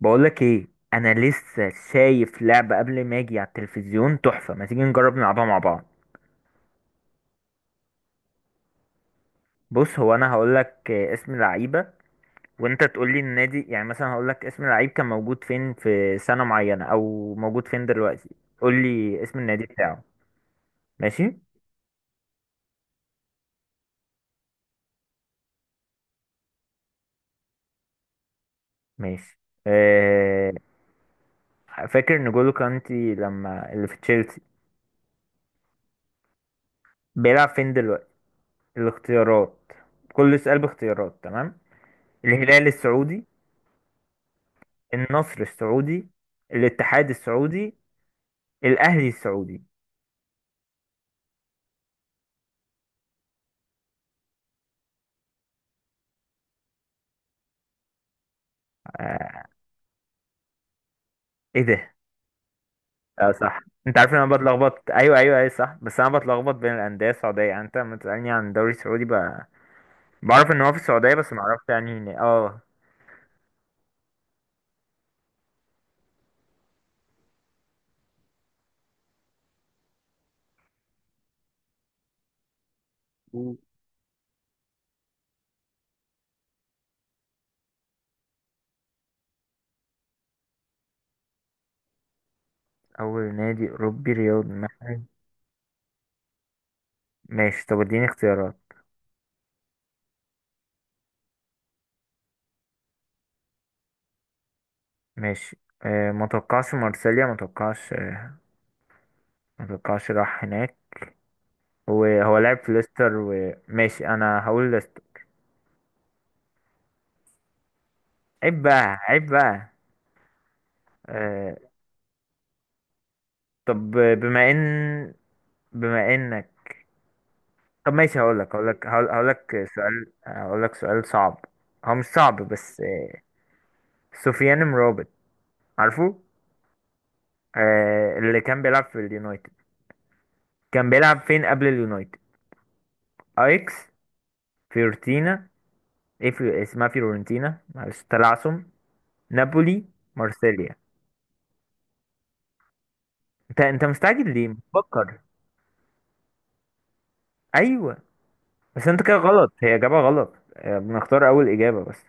بقولك ايه؟ انا لسه شايف لعبة قبل ما اجي على التلفزيون، تحفة. ما تيجي نجرب نلعبها مع بعض؟ بص، هو انا هقولك اسم لعيبة وانت تقولي النادي. يعني مثلا هقولك اسم اللعيب كان موجود فين في سنة معينة او موجود فين دلوقتي، قولي اسم النادي بتاعه. ماشي ماشي. أه... فاكر نجولو كانتي لما اللي في تشيلسي بيلعب فين دلوقتي؟ الاختيارات، كل سؤال باختيارات، تمام؟ الهلال السعودي، النصر السعودي، الاتحاد السعودي، الاهلي السعودي. آه. ايه ده؟ اه، صح. انت عارف إن انا بتلخبط، ايوه ايوه ايوه، صح، بس انا بتلخبط بين الانديه السعوديه، يعني انت لما تسالني عن الدوري السعودي بعرف ان هو في السعوديه بس ما اعرفش يعني هنا. اه. مم. اول نادي اوروبي رياض محل. ماشي، طب اديني اختيارات. ماشي. ما توقعش مارسيليا، ما توقعش. ما توقعش راح هناك. هو لعب في ليستر، وماشي انا هقول ليستر. عيب بقى، عيب بقى. آه، طب بما انك، طب ماشي، هقول لك سؤال صعب. هو مش صعب بس. سفيان مرابط، عارفه؟ اللي كان بيلعب في اليونايتد، كان بيلعب فين قبل اليونايتد؟ ايكس، فيورتينا، اسمها فيورنتينا، معلش تلعثم. نابولي، مارسيليا. انت مستعجل ليه، بتفكر؟ ايوه بس انت كده غلط، هي اجابه غلط، بنختار اول اجابه بس.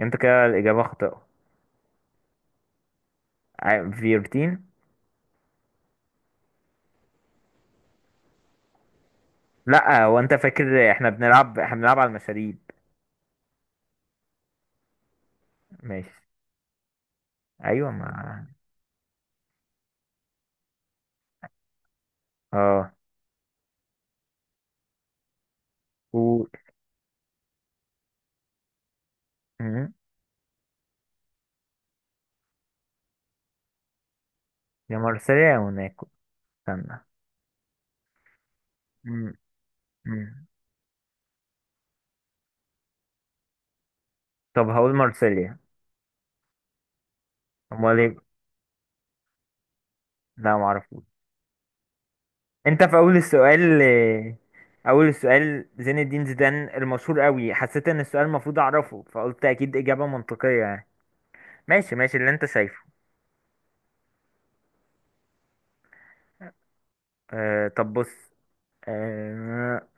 انت كده الاجابه خاطئه. فيورتين. لا، هو انت فاكر احنا بنلعب، احنا بنلعب على المشاريب. ماشي. ايوه ما... اه و مم. يا مارسيليا يا موناكو، استنى. مم. مم. طب هقول مارسيليا. امال ايه؟ لا، معرفوش. انت في اول السؤال، اول السؤال زين الدين زيدان المشهور قوي، حسيت ان السؤال المفروض اعرفه فقلت اكيد اجابة منطقية يعني. ماشي، ماشي اللي انت شايفه. طب بص. آه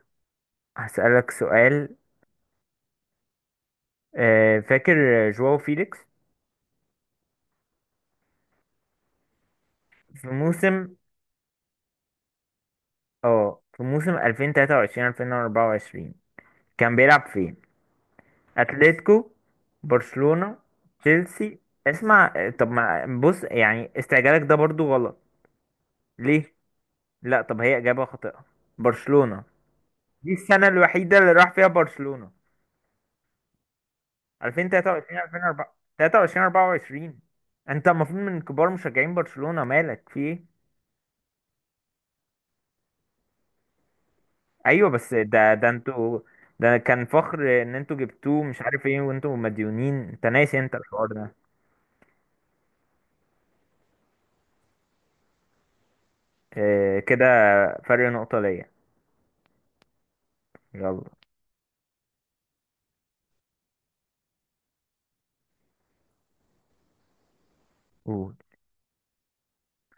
هسألك سؤال. فاكر جواو فيليكس؟ في موسم، 2023 2024 كان بيلعب فين؟ اتلتيكو، برشلونة، تشيلسي. اسمع، طب ما بص، يعني استعجالك ده برضو غلط. ليه؟ لا طب هي إجابة خاطئة. برشلونة، دي السنة الوحيدة اللي راح فيها برشلونة. 2023 2024، 23 24. انت المفروض من كبار مشجعين برشلونة، مالك في ايه؟ ايوه بس ده انتوا، ده كان فخر ان انتوا جبتوه، مش عارف ايه، وانتوا مديونين، انت ناسي انت الحوار ده؟ كده فرق نقطة ليا. يلا قول.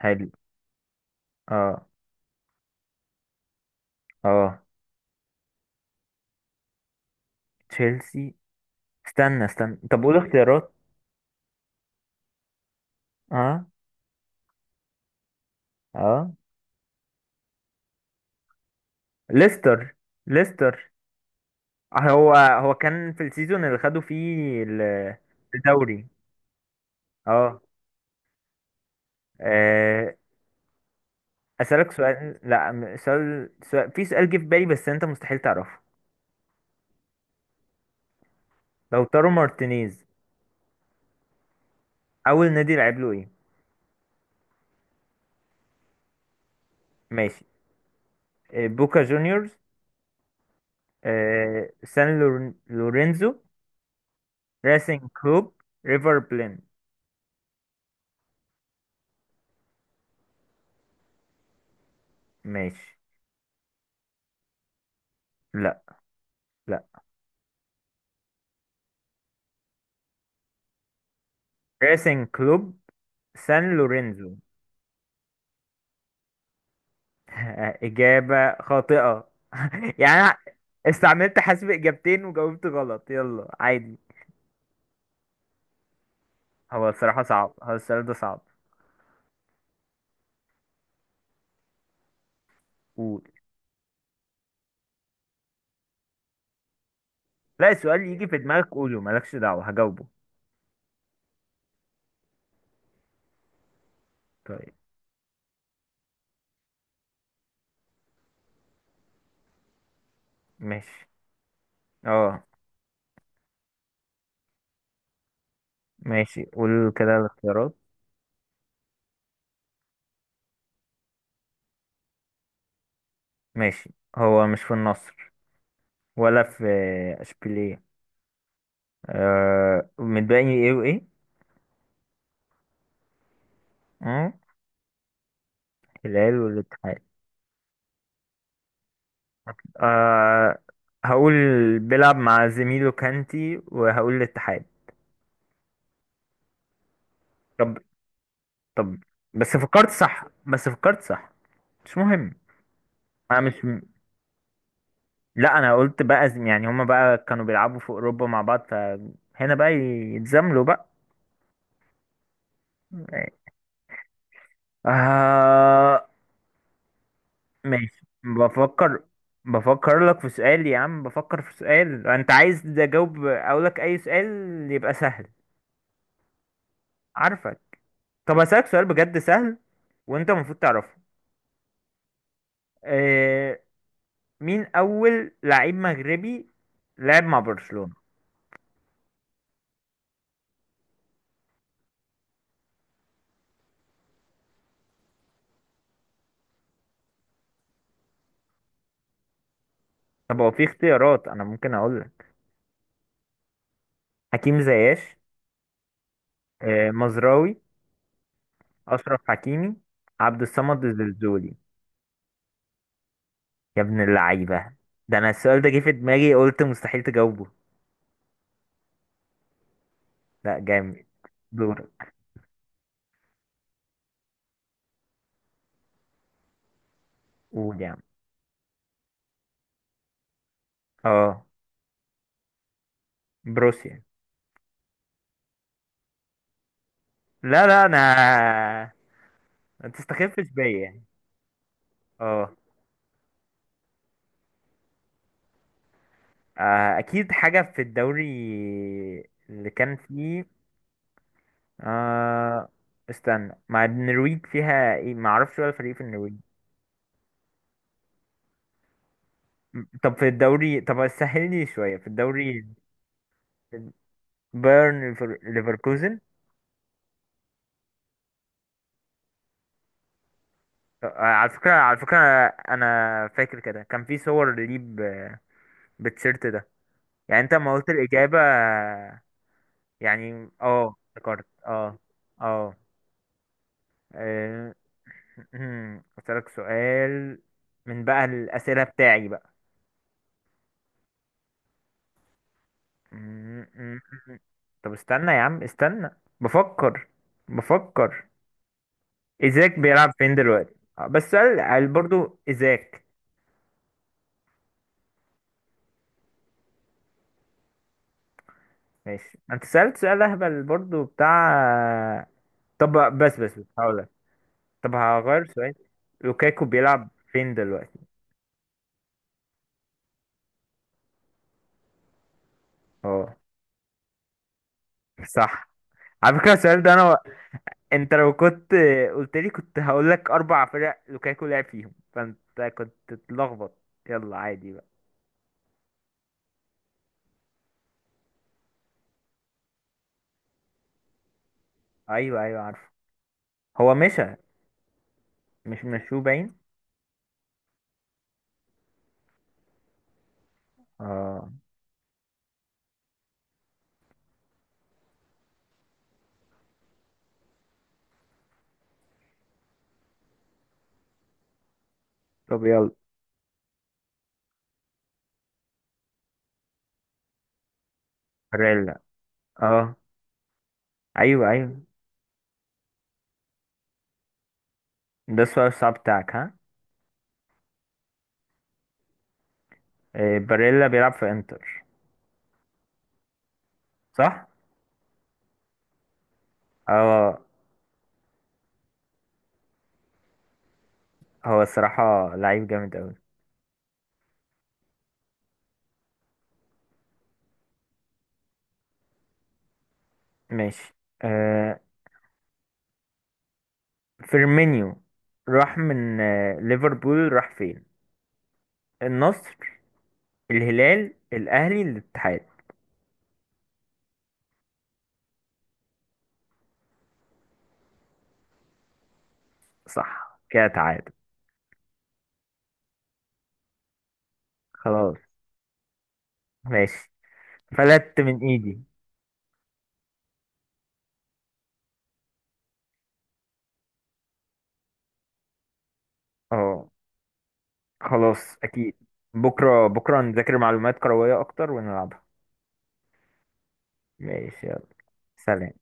حلو. اه اه تشيلسي. استنى استنى، طب قول اختيارات. اه اه ليستر، ليستر. هو كان في السيزون اللي خدوا فيه الدوري. اه. آه، اسألك سؤال. لا، سؤال، في سؤال جه في بالي بس انت مستحيل تعرفه. لو تارو مارتينيز اول نادي لعب له ايه؟ ماشي. بوكا جونيورز، سان لورينزو، ريسنج كلوب، ريفر بلين. ماشي. لا، لا. ريسنج كلوب، سان لورينزو. إجابة خاطئة. يعني أنا استعملت حسب إجابتين وجاوبت غلط، يلا عادي. هو الصراحة صعب، هو السؤال ده صعب. قول. لا، السؤال يجي في دماغك قوله، مالكش دعوة، هجاوبه. طيب، ماشي. اه، ماشي قول كده الاختيارات. ماشي، هو مش في النصر ولا في اشبيليه. متبقي ايه وايه؟ اه، الهلال والاتحاد. آه هقول بيلعب مع زميله كانتي، وهقول الاتحاد. طب. طب. بس فكرت صح، بس فكرت صح، مش مهم. انا مش م... لا، انا قلت بقى يعني هما بقى كانوا بيلعبوا في اوروبا مع بعض، فهنا بقى يتزاملوا بقى. آه. ماشي، بفكر، بفكر لك في سؤال يا عم، بفكر في سؤال انت عايز اجاوب، اقول لك اي سؤال يبقى سهل. عارفك. طب هسألك سؤال بجد سهل وانت المفروض تعرفه. آه، مين أول لعيب مغربي لعب مع برشلونة؟ طب هو في اختيارات أنا ممكن أقول لك. حكيم زياش، مزراوي، أشرف حكيمي، عبد الصمد الزلزولي. يا ابن اللعيبة، ده أنا السؤال ده جه في دماغي قلت مستحيل تجاوبه. لا، جامد. دورك. قول يا عم. اه، بروسيا. لا، لا أنا، ما تستخفش بيا يعني. اه. أكيد حاجة في الدوري اللي كان فيه. آه. استنى، مع النرويج فيها ايه؟ ما اعرفش، ولا فريق في النرويج. طب سهل لي شويه، في الدوري. ليفركوزن. على فكره، انا فاكر كده كان في صور ليه بالتيشيرت ده. يعني انت ما قلت الاجابه، يعني افتكرت. اه اه آه، اسالك سؤال من بقى الاسئله بتاعي بقى. م- م- م. طب استنى يا عم استنى، بفكر، بفكر. ايزاك بيلعب فين دلوقتي، بس سؤال قال برضو ايزاك. ماشي، انت سألت سؤال اهبل برضو بتاع. طب بس هقولك، طب هغير سؤال. لوكاكو بيلعب فين دلوقتي؟ اه، صح. على فكرة السؤال ده انا، انت لو كنت قلت لي كنت هقول لك اربع فرق لوكاكو لعب فيهم، فانت كنت تتلخبط. يلا عادي بقى. ايوه ايوه، عارف. هو مشى، مش مشو باين. اه. طب يلا. باريلا. اه. ايوه ايوه، ده السؤال الصعب بتاعك، ها؟ باريلا بيلعب في انتر. صح. اه، هو الصراحة لعيب جامد اوي. ماشي. آه فيرمينيو راح من ليفربول راح فين؟ النصر، الهلال، الاهلي، الاتحاد. صح كده تعادل. خلاص. ماشي، فلت من ايدي. اه، خلاص اكيد. بكرة بكرة نذاكر معلومات كروية اكتر ونلعب. ماشي يلا. سلام.